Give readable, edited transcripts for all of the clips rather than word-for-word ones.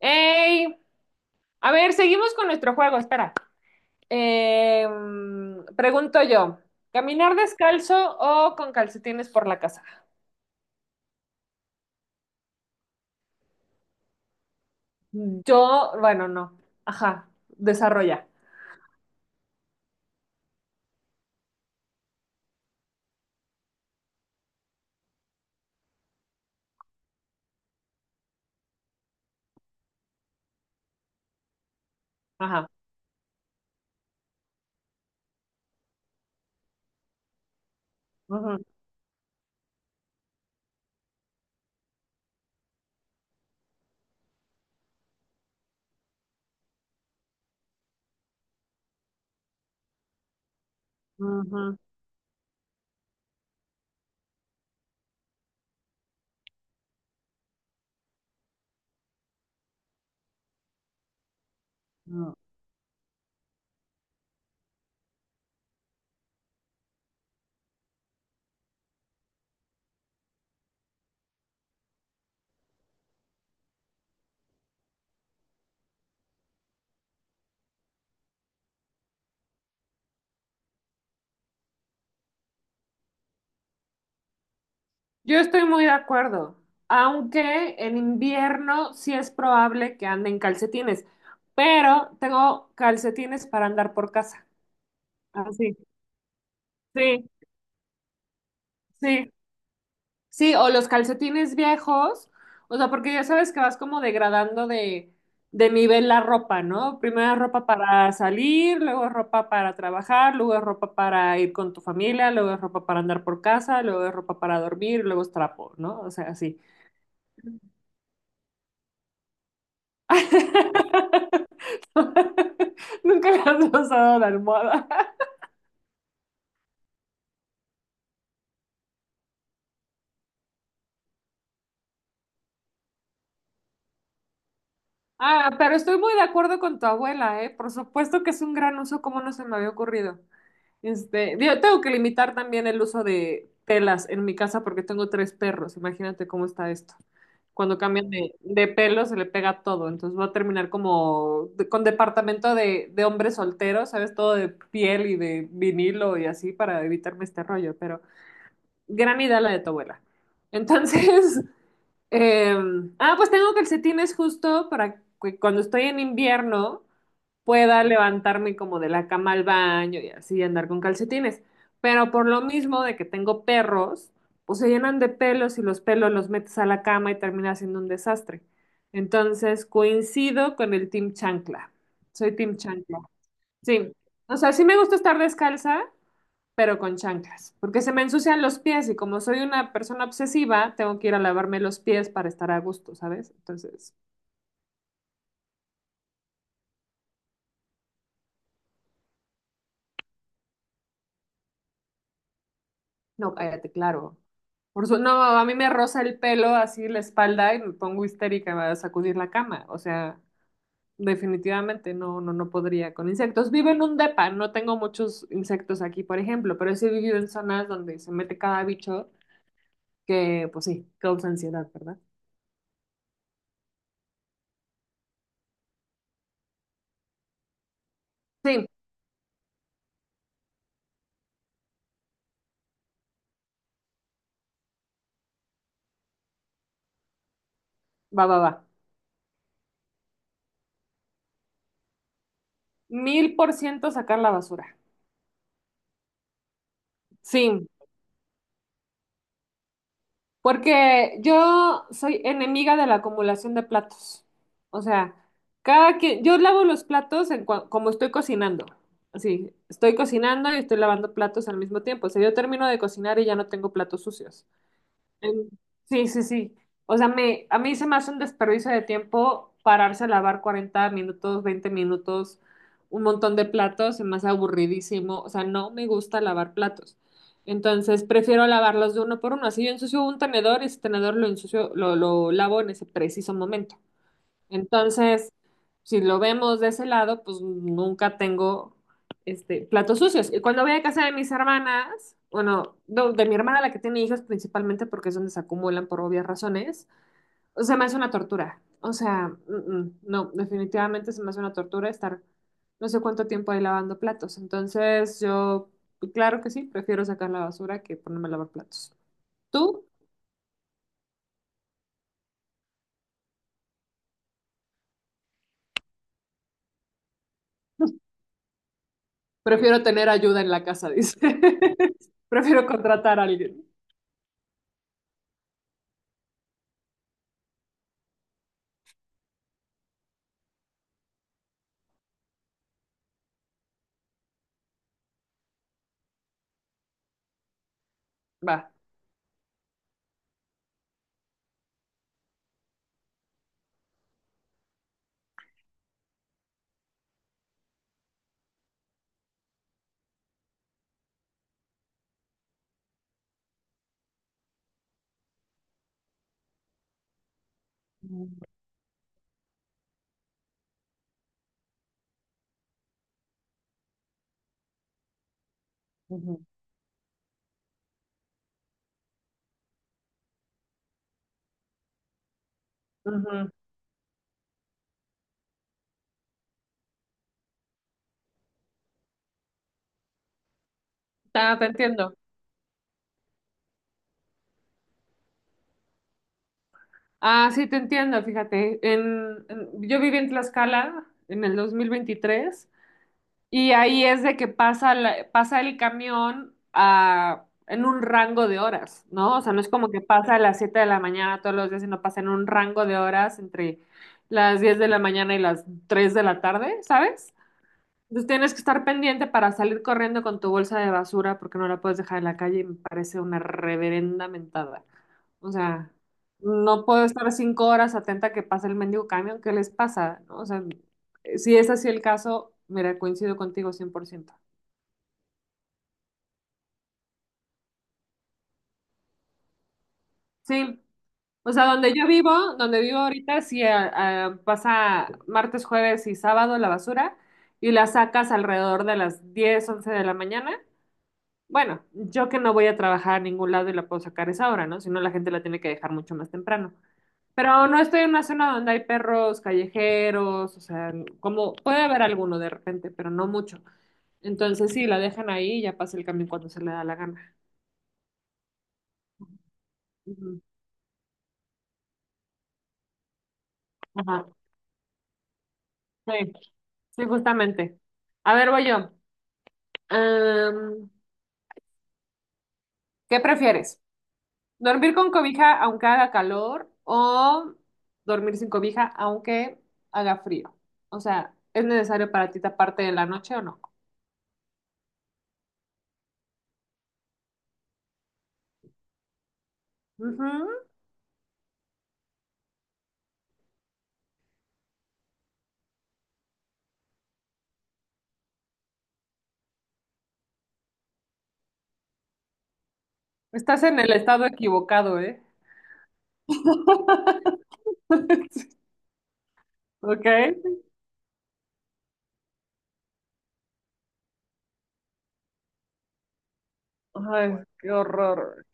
Ey, a ver, seguimos con nuestro juego, espera. Pregunto yo, ¿caminar descalzo o con calcetines por la casa? Yo, bueno, no. Ajá, desarrolla. Ajá. Ujú, ujú, ujú. Yo estoy muy de acuerdo, aunque en invierno sí es probable que ande en calcetines, pero tengo calcetines para andar por casa. Así. Sí, sí, sí. Sí, o los calcetines viejos, o sea, porque ya sabes que vas como degradando de nivel la ropa, ¿no? Primero es ropa para salir, luego es ropa para trabajar, luego es ropa para ir con tu familia, luego es ropa para andar por casa, luego es ropa para dormir, luego es trapo, ¿no? O sea, así. Nunca le has usado la almohada. Ah, pero estoy muy de acuerdo con tu abuela, ¿eh? Por supuesto que es un gran uso, como no se me había ocurrido. Este, yo tengo que limitar también el uso de telas en mi casa porque tengo tres perros. Imagínate cómo está esto. Cuando cambian de pelo se le pega todo. Entonces va a terminar como de- con departamento de hombres solteros, ¿sabes? Todo de piel y de vinilo y así para evitarme este rollo. Pero gran idea la de tu abuela. Entonces, eh, pues tengo calcetines justo para que cuando estoy en invierno pueda levantarme como de la cama al baño y así andar con calcetines. Pero por lo mismo de que tengo perros, pues se llenan de pelos y los pelos los metes a la cama y termina siendo un desastre. Entonces coincido con el Team Chancla. Soy Team Chancla. Sí. O sea, sí me gusta estar descalza, pero con chanclas, porque se me ensucian los pies y como soy una persona obsesiva, tengo que ir a lavarme los pies para estar a gusto, ¿sabes? Entonces, no, cállate, claro. No, a mí me roza el pelo así la espalda y me pongo histérica a sacudir la cama. O sea, definitivamente no, no, no podría con insectos. Vivo en un depa, no tengo muchos insectos aquí, por ejemplo, pero sí he vivido en zonas donde se mete cada bicho que, pues sí, causa ansiedad, ¿verdad? Sí, va, va, va. 1000% sacar la basura. Sí, porque yo soy enemiga de la acumulación de platos. O sea, cada quien, yo lavo los platos como estoy cocinando. Así, estoy cocinando y estoy lavando platos al mismo tiempo. O sea, yo termino de cocinar y ya no tengo platos sucios. En- Sí, sí, sí. O sea, a mí se me hace un desperdicio de tiempo pararse a lavar 40 minutos, 20 minutos, un montón de platos, se me hace aburridísimo. O sea, no me gusta lavar platos. Entonces, prefiero lavarlos de uno por uno. Así yo ensucio un tenedor, y ese tenedor lo ensucio, lo lavo en ese preciso momento. Entonces, si lo vemos de ese lado, pues nunca tengo este, platos sucios. Y cuando voy a casa de mis hermanas, bueno, no, de mi hermana, la que tiene hijos principalmente, porque es donde se acumulan por obvias razones, o sea, me hace una tortura. O sea, no, definitivamente se me hace una tortura estar no sé cuánto tiempo ahí lavando platos. Entonces, yo, pues, claro que sí, prefiero sacar la basura que ponerme a lavar platos. ¿Tú? Prefiero tener ayuda en la casa, dice. Prefiero contratar a alguien. Va. Ujú. Ujú. Ah, te entiendo. Ah, sí, te entiendo, fíjate. Yo viví en Tlaxcala en el 2023 y ahí es de que pasa, pasa el camión en un rango de horas, ¿no? O sea, no es como que pasa a las 7 de la mañana todos los días, sino pasa en un rango de horas entre las 10 de la mañana y las 3 de la tarde, ¿sabes? Entonces tienes que estar pendiente para salir corriendo con tu bolsa de basura porque no la puedes dejar en la calle y me parece una reverenda mentada. O sea, no puedo estar 5 horas atenta a que pase el mendigo camión. ¿Qué les pasa? ¿No? O sea, si es así el caso, mira, coincido contigo 100%. Sí, o sea, donde yo vivo, donde vivo ahorita, pasa martes, jueves y sábado la basura y la sacas alrededor de las 10 11 de la mañana. Bueno, yo que no voy a trabajar a ningún lado y la puedo sacar esa hora, ¿no? Si no, la gente la tiene que dejar mucho más temprano. Pero no estoy en una zona donde hay perros callejeros, o sea, como puede haber alguno de repente, pero no mucho. Entonces sí, la dejan ahí y ya pasa el camión cuando se le da la gana. Ujú. Ajá, sí, sí, justamente. A ver, voy yo. Am, ¿Qué prefieres? Dormir con cobija aunque haga calor o dormir sin cobija aunque haga frío. O sea, ¿es necesario para ti taparte de la noche o no? Ujú. Estás en el estado equivocado, ¿eh? Ok. Ay, qué horror.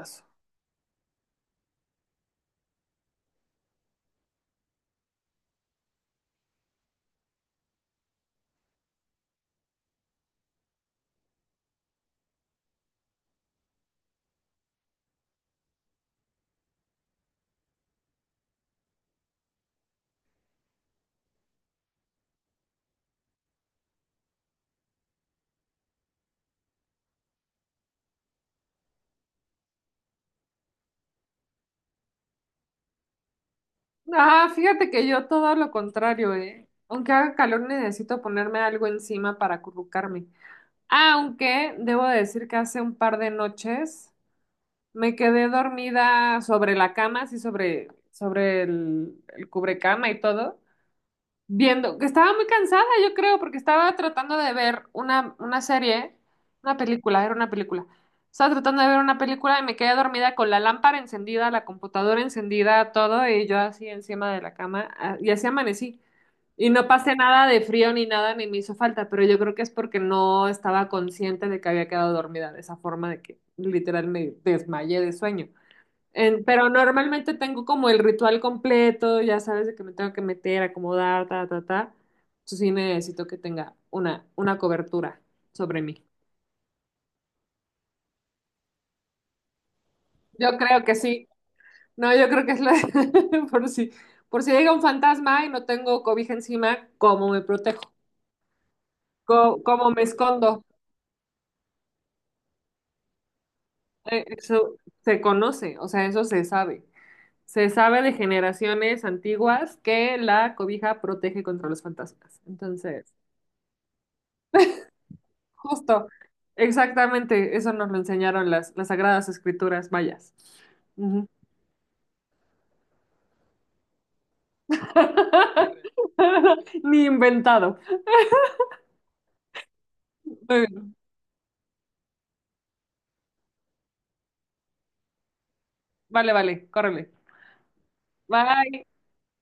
Eso. Ah, fíjate que yo todo lo contrario, ¿eh? Aunque haga calor, necesito ponerme algo encima para acurrucarme. Aunque debo decir que hace un par de noches. Me quedé dormida sobre la cama, así sobre el cubrecama y todo, viendo que estaba muy cansada, yo creo, porque estaba tratando de ver una serie, una película, era una película. Estaba tratando de ver una película y me quedé dormida con la lámpara encendida, la computadora encendida, todo, y yo así encima de la cama, y así amanecí. Y no pasé nada de frío ni nada, ni me hizo falta, pero yo creo que es porque no estaba consciente de que había quedado dormida de esa forma de que literal me desmayé de sueño. Pero normalmente tengo como el ritual completo, ya sabes de que me tengo que meter, acomodar, ta, ta, ta. Entonces sí necesito que tenga una cobertura sobre mí. Yo creo que sí. No, yo creo que es la... por si, por si llega un fantasma y no tengo cobija encima, ¿cómo me protejo? ¿Cómo, me escondo? Eso se conoce, o sea, eso se sabe. Se sabe de generaciones antiguas que la cobija protege contra los fantasmas. Entonces... Justo, exactamente, eso nos lo enseñaron las sagradas escrituras mayas. Ujú. Ni inventado. Muy bien. Vale, vale, córrele. Bye.